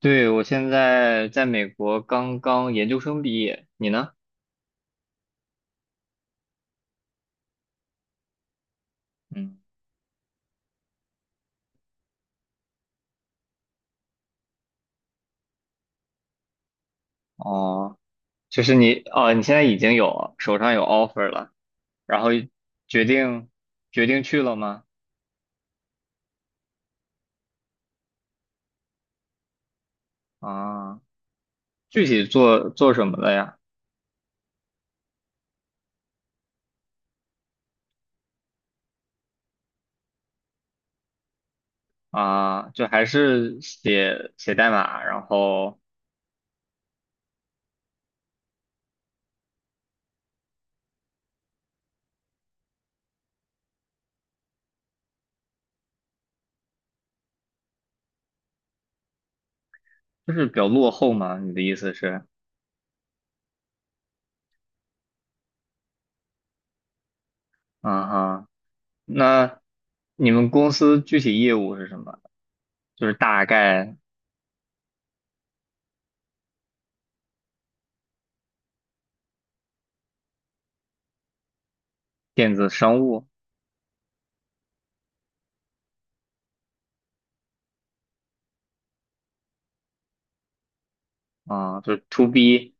对，我现在在美国刚刚研究生毕业，你呢？嗯。哦。你现在已经有手上有 offer 了，然后决定决定去了吗？啊，具体做什么的呀？啊，就还是写写代码，然后就是比较落后嘛？你的意思是？啊哈。那你们公司具体业务是什么？就是大概电子商务啊，就是 to B。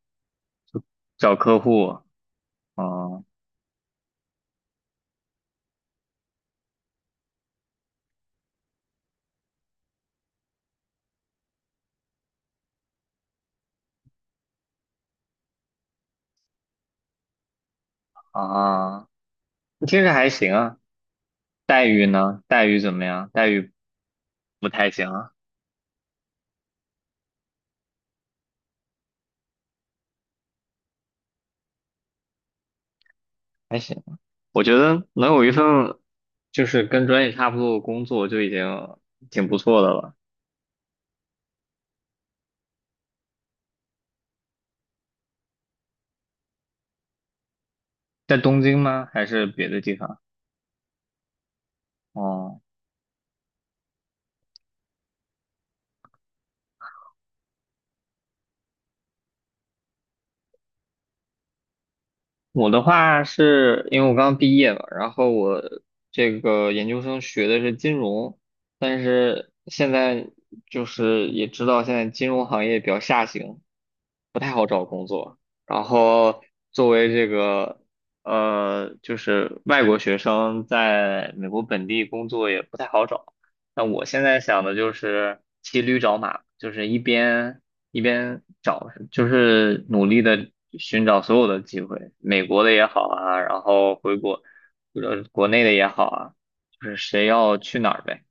找客户，哦啊，听着还行啊。待遇呢？待遇怎么样？待遇不太行啊，还行。我觉得能有一份就是跟专业差不多的工作就已经挺不错的了。在东京吗？还是别的地方？哦。我的话是因为我刚毕业嘛，然后我这个研究生学的是金融，但是现在就是也知道现在金融行业比较下行，不太好找工作。然后作为这个就是外国学生在美国本地工作也不太好找。那我现在想的就是骑驴找马，就是一边找，就是努力的寻找所有的机会，美国的也好啊，然后回国，国内的也好啊，就是谁要去哪儿呗。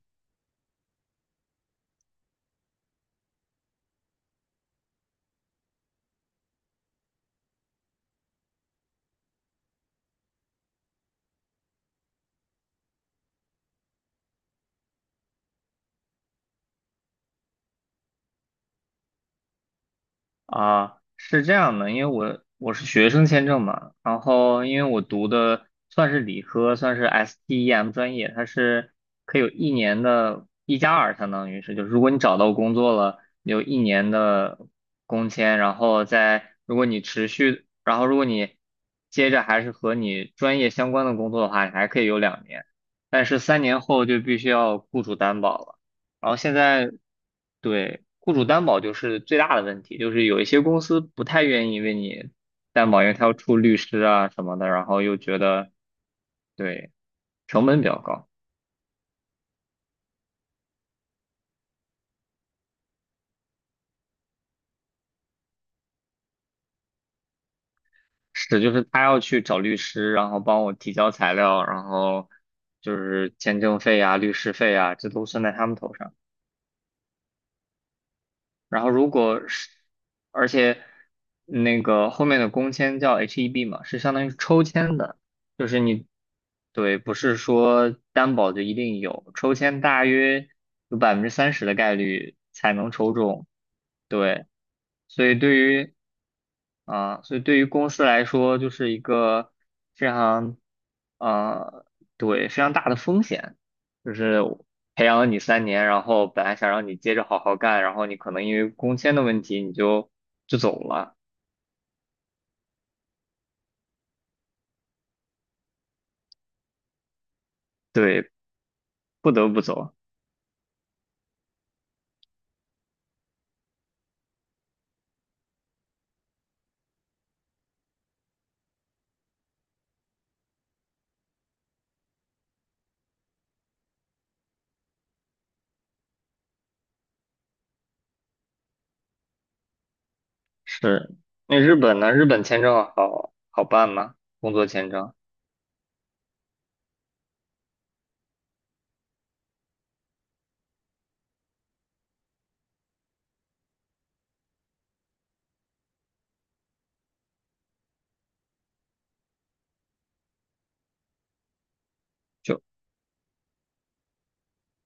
啊，是这样的，因为我是学生签证嘛，然后因为我读的算是理科，算是 STEM 专业，它是可以有1年的1+2，相当于是，就是如果你找到工作了，有一年的工签，然后再如果你持续，然后如果你接着还是和你专业相关的工作的话，你还可以有2年，但是三年后就必须要雇主担保了。然后现在对雇主担保就是最大的问题，就是有一些公司不太愿意为你担保，因为他要出律师啊什么的，然后又觉得对成本比较高。是，就是他要去找律师，然后帮我提交材料，然后就是签证费啊、律师费啊，这都算在他们头上。然后如果是，而且那个后面的工签叫 HEB 嘛，是相当于抽签的，就是你，对，不是说担保就一定有，抽签大约有30%的概率才能抽中，对，所以对于啊，所以对于公司来说，就是一个非常，呃，对，非常大的风险，就是培养了你三年，然后本来想让你接着好好干，然后你可能因为工签的问题，你就走了，对，不得不走。是，那日本呢？日本签证好好办吗？工作签证就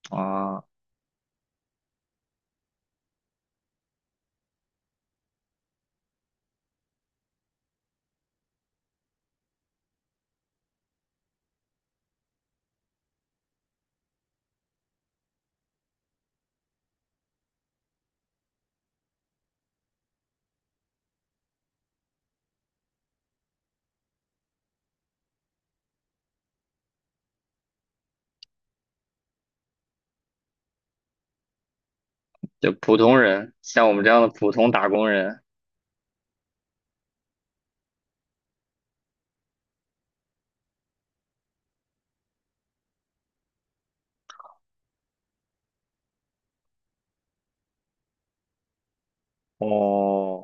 啊，就普通人，像我们这样的普通打工人，哦，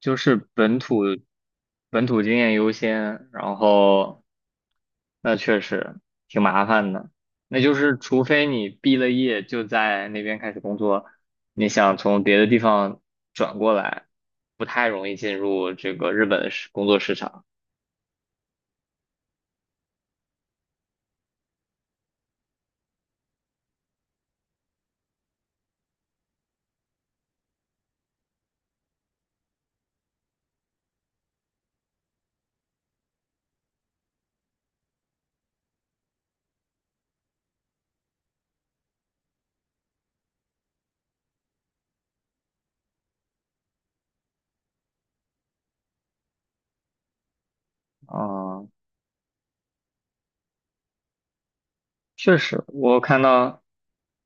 就是本土经验优先，然后那确实挺麻烦的。那就是除非你毕了业就在那边开始工作，你想从别的地方转过来，不太容易进入这个日本的工作市场。啊，确实，我看到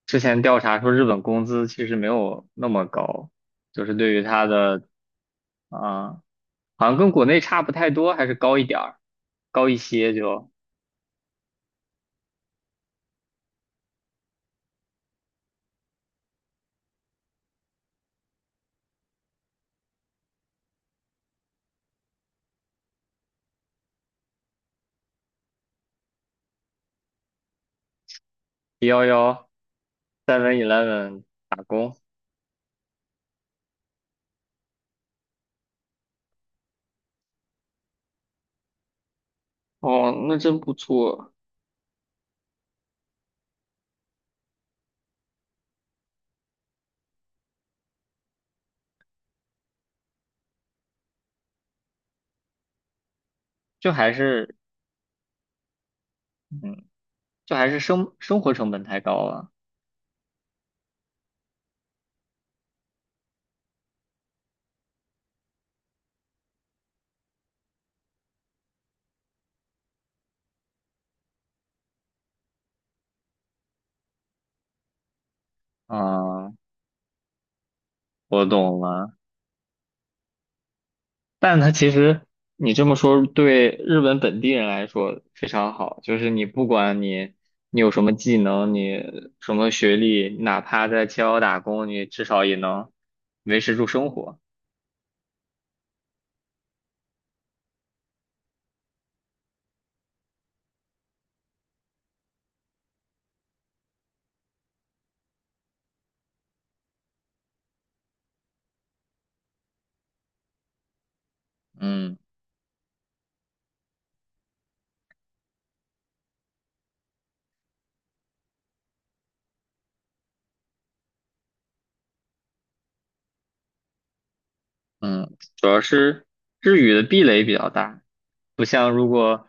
之前调查说日本工资其实没有那么高，就是对于它的啊，好像跟国内差不太多，还是高一点儿，高一些就。一幺幺 Seven Eleven 打工，哦，那真不错。就还是嗯，就还是生活成本太高了。啊，我懂了。但它其实你这么说，对日本本地人来说非常好，就是你不管你有什么技能，你什么学历，哪怕在七幺打工，你至少也能维持住生活。嗯嗯，主要是日语的壁垒比较大。不像如果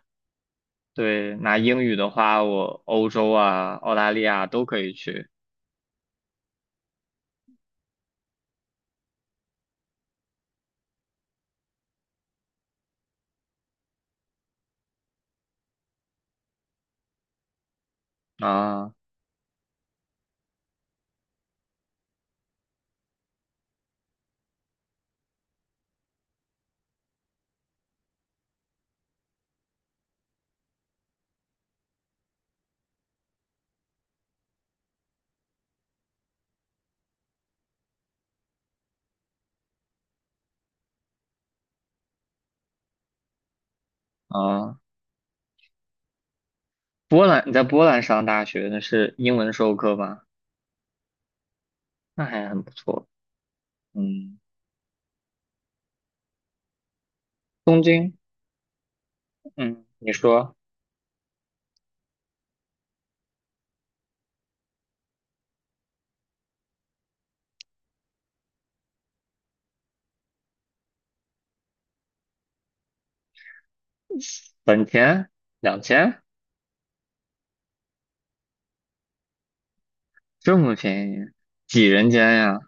对，拿英语的话，我欧洲啊、澳大利亚都可以去啊啊。波兰，你在波兰上大学，那是英文授课吗？那还很不错。嗯，东京，嗯，你说本田两千这么便宜，几人间呀？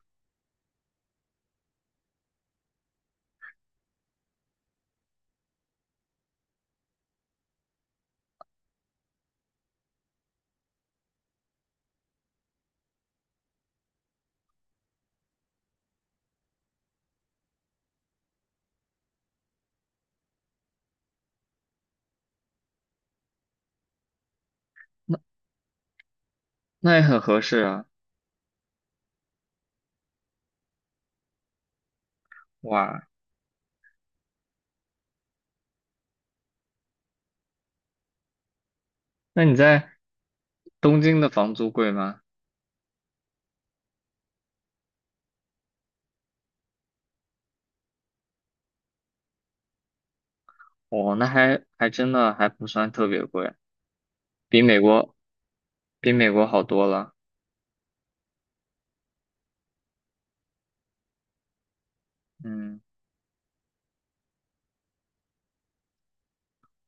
那也很合适啊。哇，那你在东京的房租贵吗？哦，那还真的还不算特别贵，比美国比美国好多了。嗯。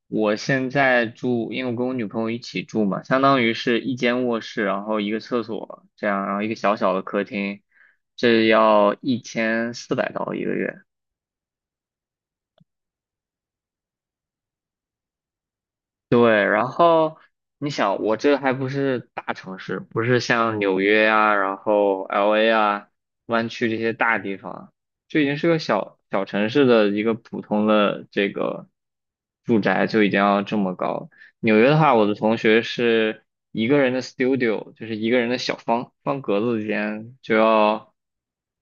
我现在住，因为我跟我女朋友一起住嘛，相当于是一间卧室，然后一个厕所这样，然后一个小小的客厅，这要1400刀一个月。对，然后你想，我这还不是大城市，不是像纽约啊，然后 LA 啊，湾区这些大地方，就已经是个小小城市的一个普通的这个住宅就已经要这么高。纽约的话，我的同学是一个人的 studio,就是一个人的小方方格子间，就要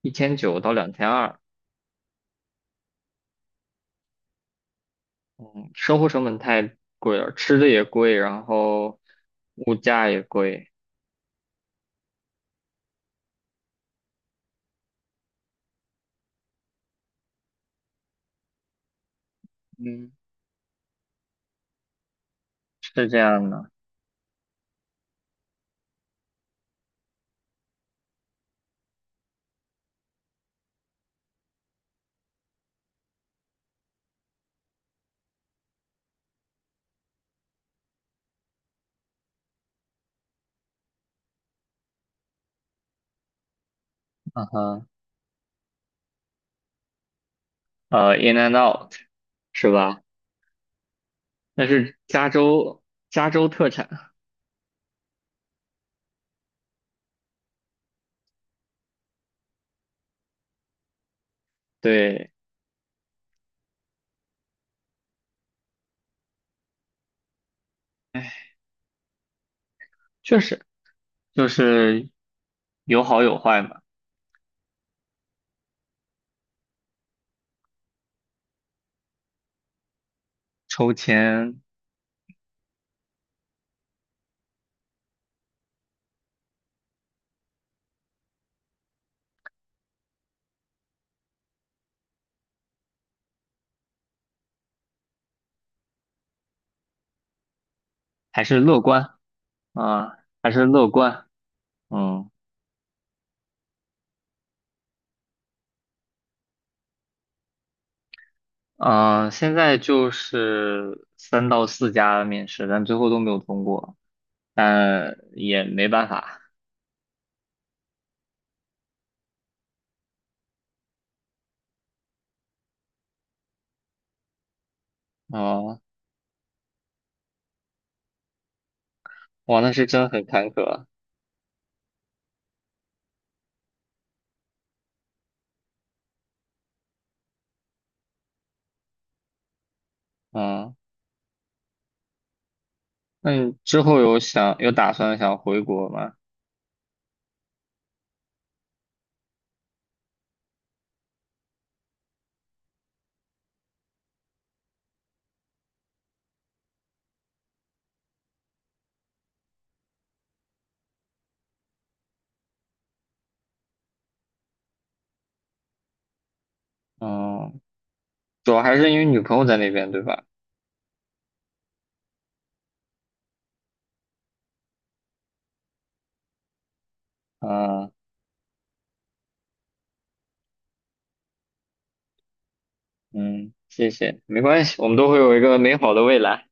1900到2200，生活成本太贵了，吃的也贵，然后物价也贵，嗯。是这样的，嗯哼，In and Out 是吧？那是加州特产，对，哎确实就是有好有坏嘛。抽签还是乐观啊，还是乐观，嗯嗯，现在就是3到4家面试，但最后都没有通过，但也没办法，哦，哇，那是真很坎坷，嗯，那你之后有想有打算想回国吗？嗯，主要还是因为女朋友在那边，对吧？嗯嗯，谢谢，没关系，我们都会有一个美好的未来。